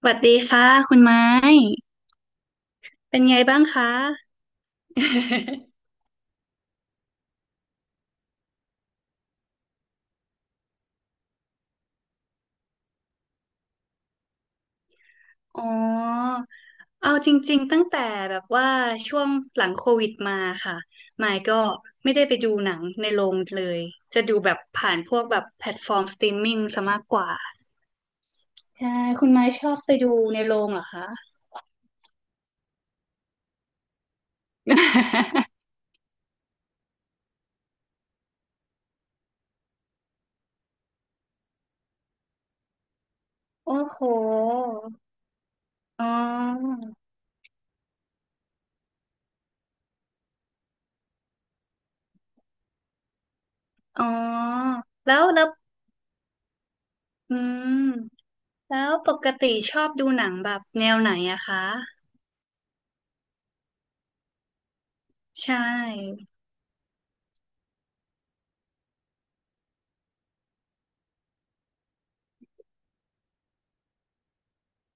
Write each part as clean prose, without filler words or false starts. สวัสดีค่ะคุณไม้เป็นไงบ้างคะอ๋อเอาจริงๆตั้งแต่แบบว่าช่วงหลังโควิดมาค่ะไมค์ก็ไม่ได้ไปดูหนังในโรงเลยจะดูแบบผ่านพวกแบบแพลตฟอร์มสตรีมมิ่งซะมากกว่าใช่คุณไม้ชอบไปดูในโรงเหรอคะ โอ้โหอ๋ออ๋อแล้วแล้วอืมแล้วปกติชอบดูหนังแบบแนวไหนอะคะใช่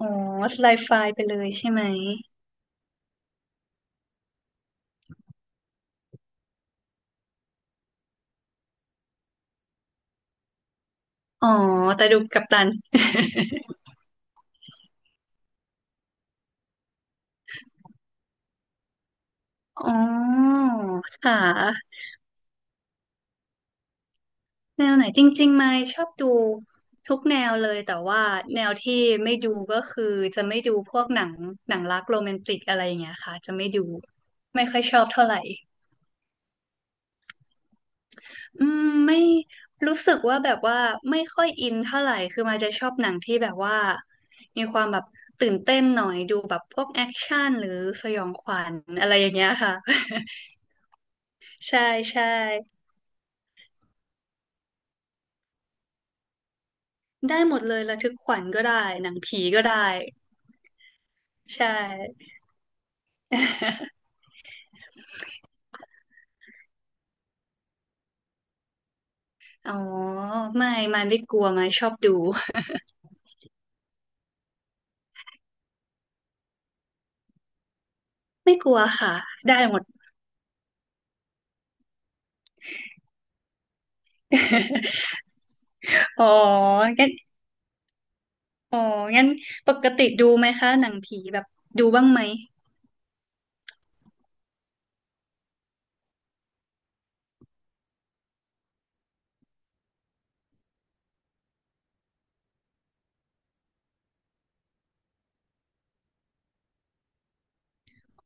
อ๋อสไลด์ไฟล์ไปเลยใช่ไหมอ๋อแต่ดูกัปตันอ๋อค่ะแนวไหนจริงๆไม่ชอบดูทุกแนวเลยแต่ว่าแนวที่ไม่ดูก็คือจะไม่ดูพวกหนังหนังรักโรแมนติกอะไรอย่างเงี้ยค่ะจะไม่ดูไม่ค่อยชอบเท่าไหร่อืมไม่รู้สึกว่าแบบว่าไม่ค่อยอินเท่าไหร่คือมาจะชอบหนังที่แบบว่ามีความแบบตื่นเต้นหน่อยดูแบบพวกแอคชั่นหรือสยองขวัญอะไรอย่างเงี้ยค่ะ ใช่ใช่ได้หมดเลยระทึกขวัญก็ได้หนังผีก็ได้ใช่ อ๋อไม่ไม่กลัวไม่ชอบดูไม่กลัวค่ะได้หมด อ๋องั้นอ๋องั้นปกติดูไหมคะหนังผีแบบดูบ้างไหม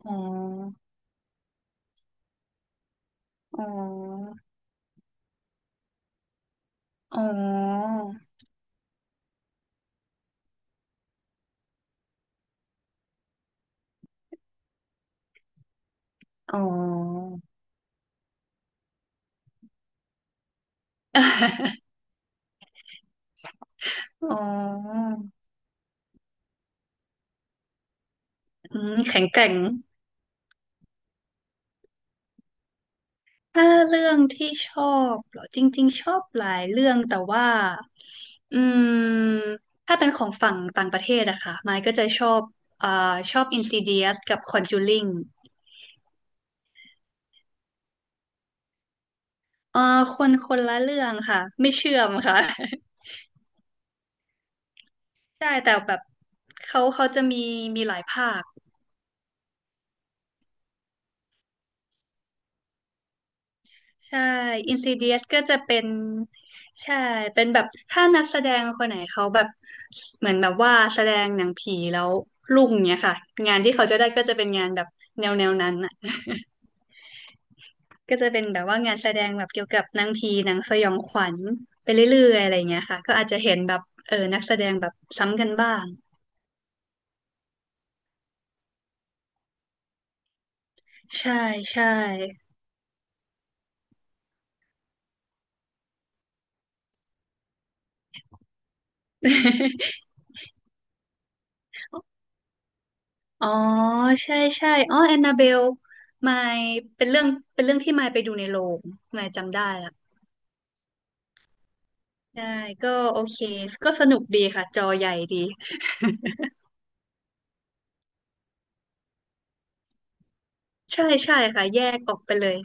อ๋ออ๋ออ๋ออ๋อ อ๋ออืมแข็งแกร่ง ถ้าเรื่องที่ชอบเหรอจริงๆชอบหลายเรื่องแต่ว่าอืมถ้าเป็นของฝั่งต่างประเทศอะค่ะไมค์ก็จะชอบอ่าชอบ Insidious กับ Conjuring เอ่อคนคนละเรื่องค่ะไม่เชื่อมค่ะ ใช่แต่แบบเขาจะมีมีหลายภาค ใช่ Insidious ก็จะเป็นใช่ เป็นแบบถ้านักแสดงคนไหนเขาแบบเหมือนแบบว่าแสดงหนังผีแล้วลุ่งเนี้ยค่ะงานที่เขาจะได้ก็จะเป็นงานแบบแนวแนวนั้นอ่ะ ก็จะเป็นแบบว่างานแสดงแบบเกี่ยวกับหนังผีหนังสยองขวัญไปเรื่อยๆอะไรเงี้ยค่ะก็อาจจะเห็นแบบเออนักแสดงแบบซ้ำกันบ้างใช่ใช่ อ๋อใช่ใช่อ๋อแอนนาเบลมายเป็นเรื่องเป็นเรื่องที่มายไปดูในโรงมายจำได้ละ ใช่ก็โอเคก็สนุกดีค่ะจอใหญ่ดี ใช่ใช่ค่ะแยกออกไปเลย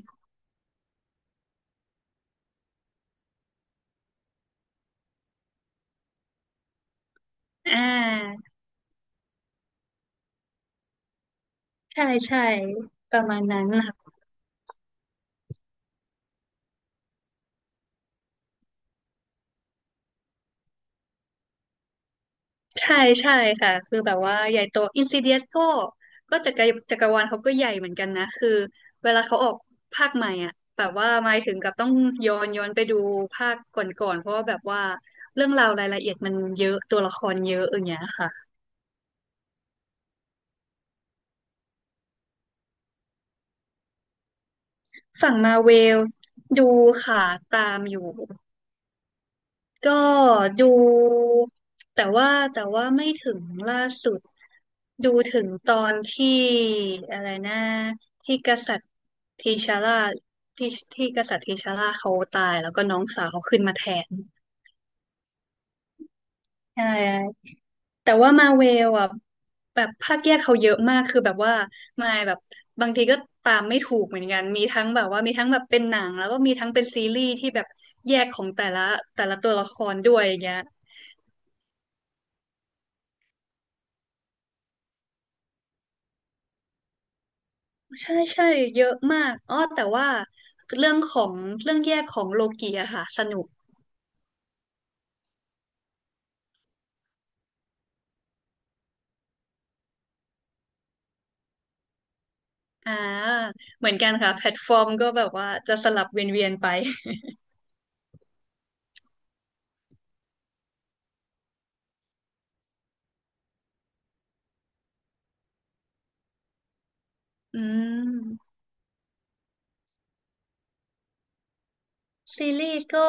อ่าใช่ใช่ประมาณนั้นค่ะใช่ใช่ค่ะคือแบบว่าใหญ่โตอินซิเดียสก็ก็จักรจักรวาลเขาก็ใหญ่เหมือนกันนะคือเวลาเขาออกภาคใหม่อ่ะแบบว่าหมายถึงกับต้องย้อนย้อนไปดูภาคก่อนๆเพราะว่าแบบว่าเรื่องราวรายละเอียดมันเยอะตัวละครเยอะอย่างเงี้ยค่ะฝั่งมาเวลดูค่ะตามอยู่ ก็ดูแต่ว่าแต่ว่าไม่ถึงล่าสุดดูถึงตอนที่อะไรนะที่กษัตริย์ทีชาร่าที่ที่กษัตริย์ทีชาร่าเขาตายแล้วก็น้องสาวเขาขึ้นมาแทนใช่แต่ว่ามาเวลอ่ะแบบภาคแยกเขาเยอะมากคือแบบว่ามายแบบบางทีก็ตามไม่ถูกเหมือนกันมีทั้งแบบว่ามีทั้งแบบเป็นหนังแล้วก็มีทั้งเป็นซีรีส์ที่แบบแยกของแต่ละแต่ละตัวละครด้วยอย่างเงี้ย ใช่ใช่เยอะมากอ้อแต่ว่าเรื่องของเรื่องแยกของโลกีอะค่ะสนุกอ่าเหมือนกันค่ะแพลตฟอร์มก็แบบว่าจะสลับเวียนๆไป อืมซีรีส์ก็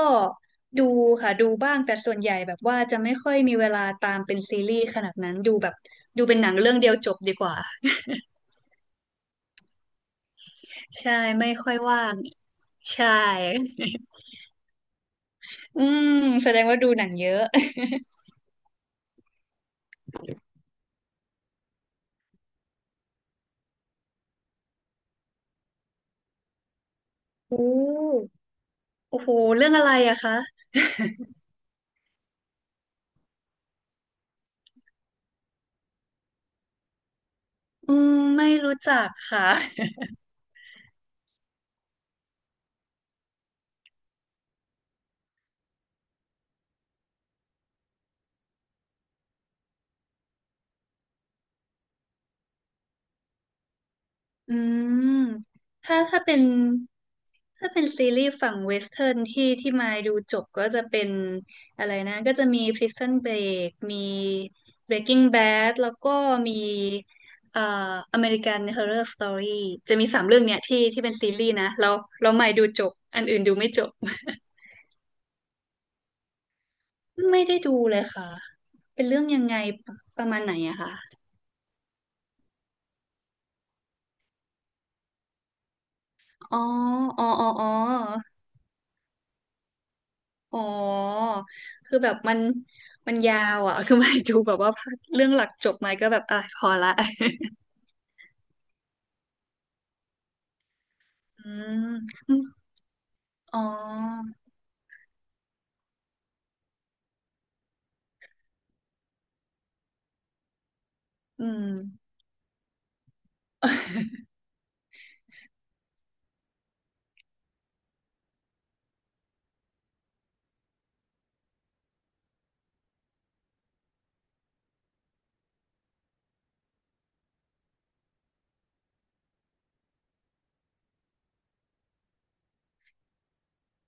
ดูค่ะดูบ้างแต่ส่วนใหญ่แบบว่าจะไม่ค่อยมีเวลาตามเป็นซีรีส์ขนาดนั้นดูแบบดูเป็นหนังเรื่องเดียวจบดีกว่าใช่ไม่ค่อยว่างใช่ อืมแสดงว่าดูหนังเยอะ โอ้โอ้โหเรื่องอะไรอะคะอืมไม่รู้จักค่ะ อืมถ้าถ้าเป็นซีรีส์ฝั่งเวสเทิร์นที่ที่มายดูจบก็จะเป็นอะไรนะก็จะมี Prison Break มี Breaking Bad แล้วก็มีเอ่อ American Horror Story จะมีสามเรื่องเนี่ยที่ที่เป็นซีรีส์นะแล้วรามายดูจบอันอื่นดูไม่จบ ไม่ได้ดูเลยค่ะเป็นเรื่องยังไงประมาณไหนอะคะอ๋ออ๋ออ๋ออ๋อ อ๋อ คือแบบมันมันยาวอ่ะ คือไม่ดูแบบว่าเรื่องหลักจบไหมาก็แบบอ่ะพอละ อือมอ๋ออืม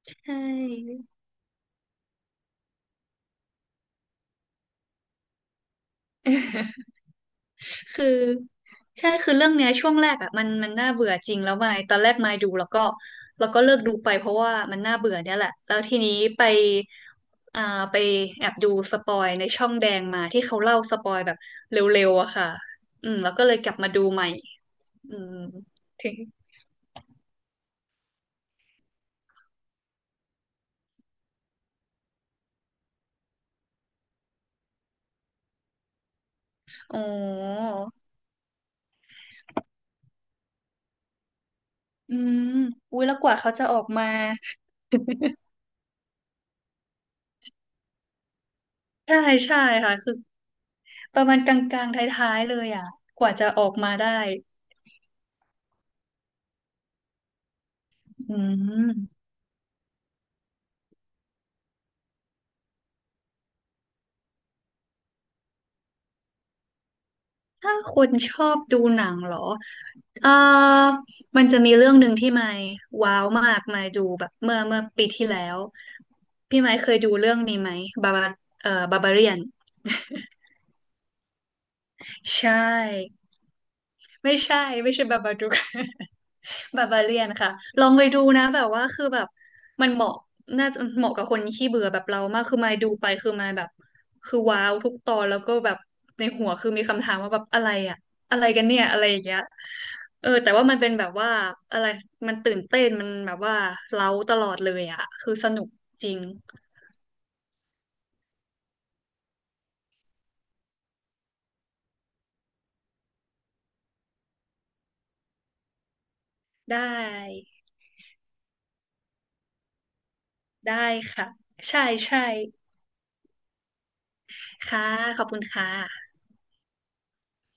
ใช่ คือใช่คือเรื่องเนี้ยช่วงแรกอ่ะมันมันน่าเบื่อจริงแล้วมายตอนแรกมายดูแล้วก็แล้วก็เลิกดูไปเพราะว่ามันน่าเบื่อเนี่ยแหละแล้วทีนี้ไปอ่าไปแอบดูสปอยในช่องแดงมาที่เขาเล่าสปอยแบบเร็วๆอะค่ะอืมแล้วก็เลยกลับมาดูใหม่อืมถึงอ๋ออืมอุ้ยแล้วกว่าเขาจะออกมาใช่ใช่ค่ะคือประมาณกลางๆท้ายๆเลยอ่ะกว่าจะออกมาได้อืม ถ้าคนชอบดูหนังเหรอเออมันจะมีเรื่องหนึ่งที่ไม่ว้าวมากไมาดูแบบเมื่อเมื่อปีที่แล้วพี่ไม้เคยดูเรื่องนี้ไหมบาบาบาบาเรียนใช่ ไม่ใช่ไม่ใช่บาบาดู กบาบาเลียนค่ะลองไปดูนะแบบว่าคือแบบมันเหมาะน่าจะเหมาะกับคนขี้เบื่อแบบเรามากคือมายดูไปคือมายแบบคือว้าวทุกตอนแล้วก็แบบในหัวคือมีคำถามว่าแบบอะไรอะอะไรกันเนี่ยอะไรอย่างเงี้ยเออแต่ว่ามันเป็นแบบว่าอะไรมันตื่นเต้นมันแบบว่าเร้าตลอดเลยอะคือสนุกจริงได้ได้ค่ะใช่ใช่ค่ะขอบคุณค่ะ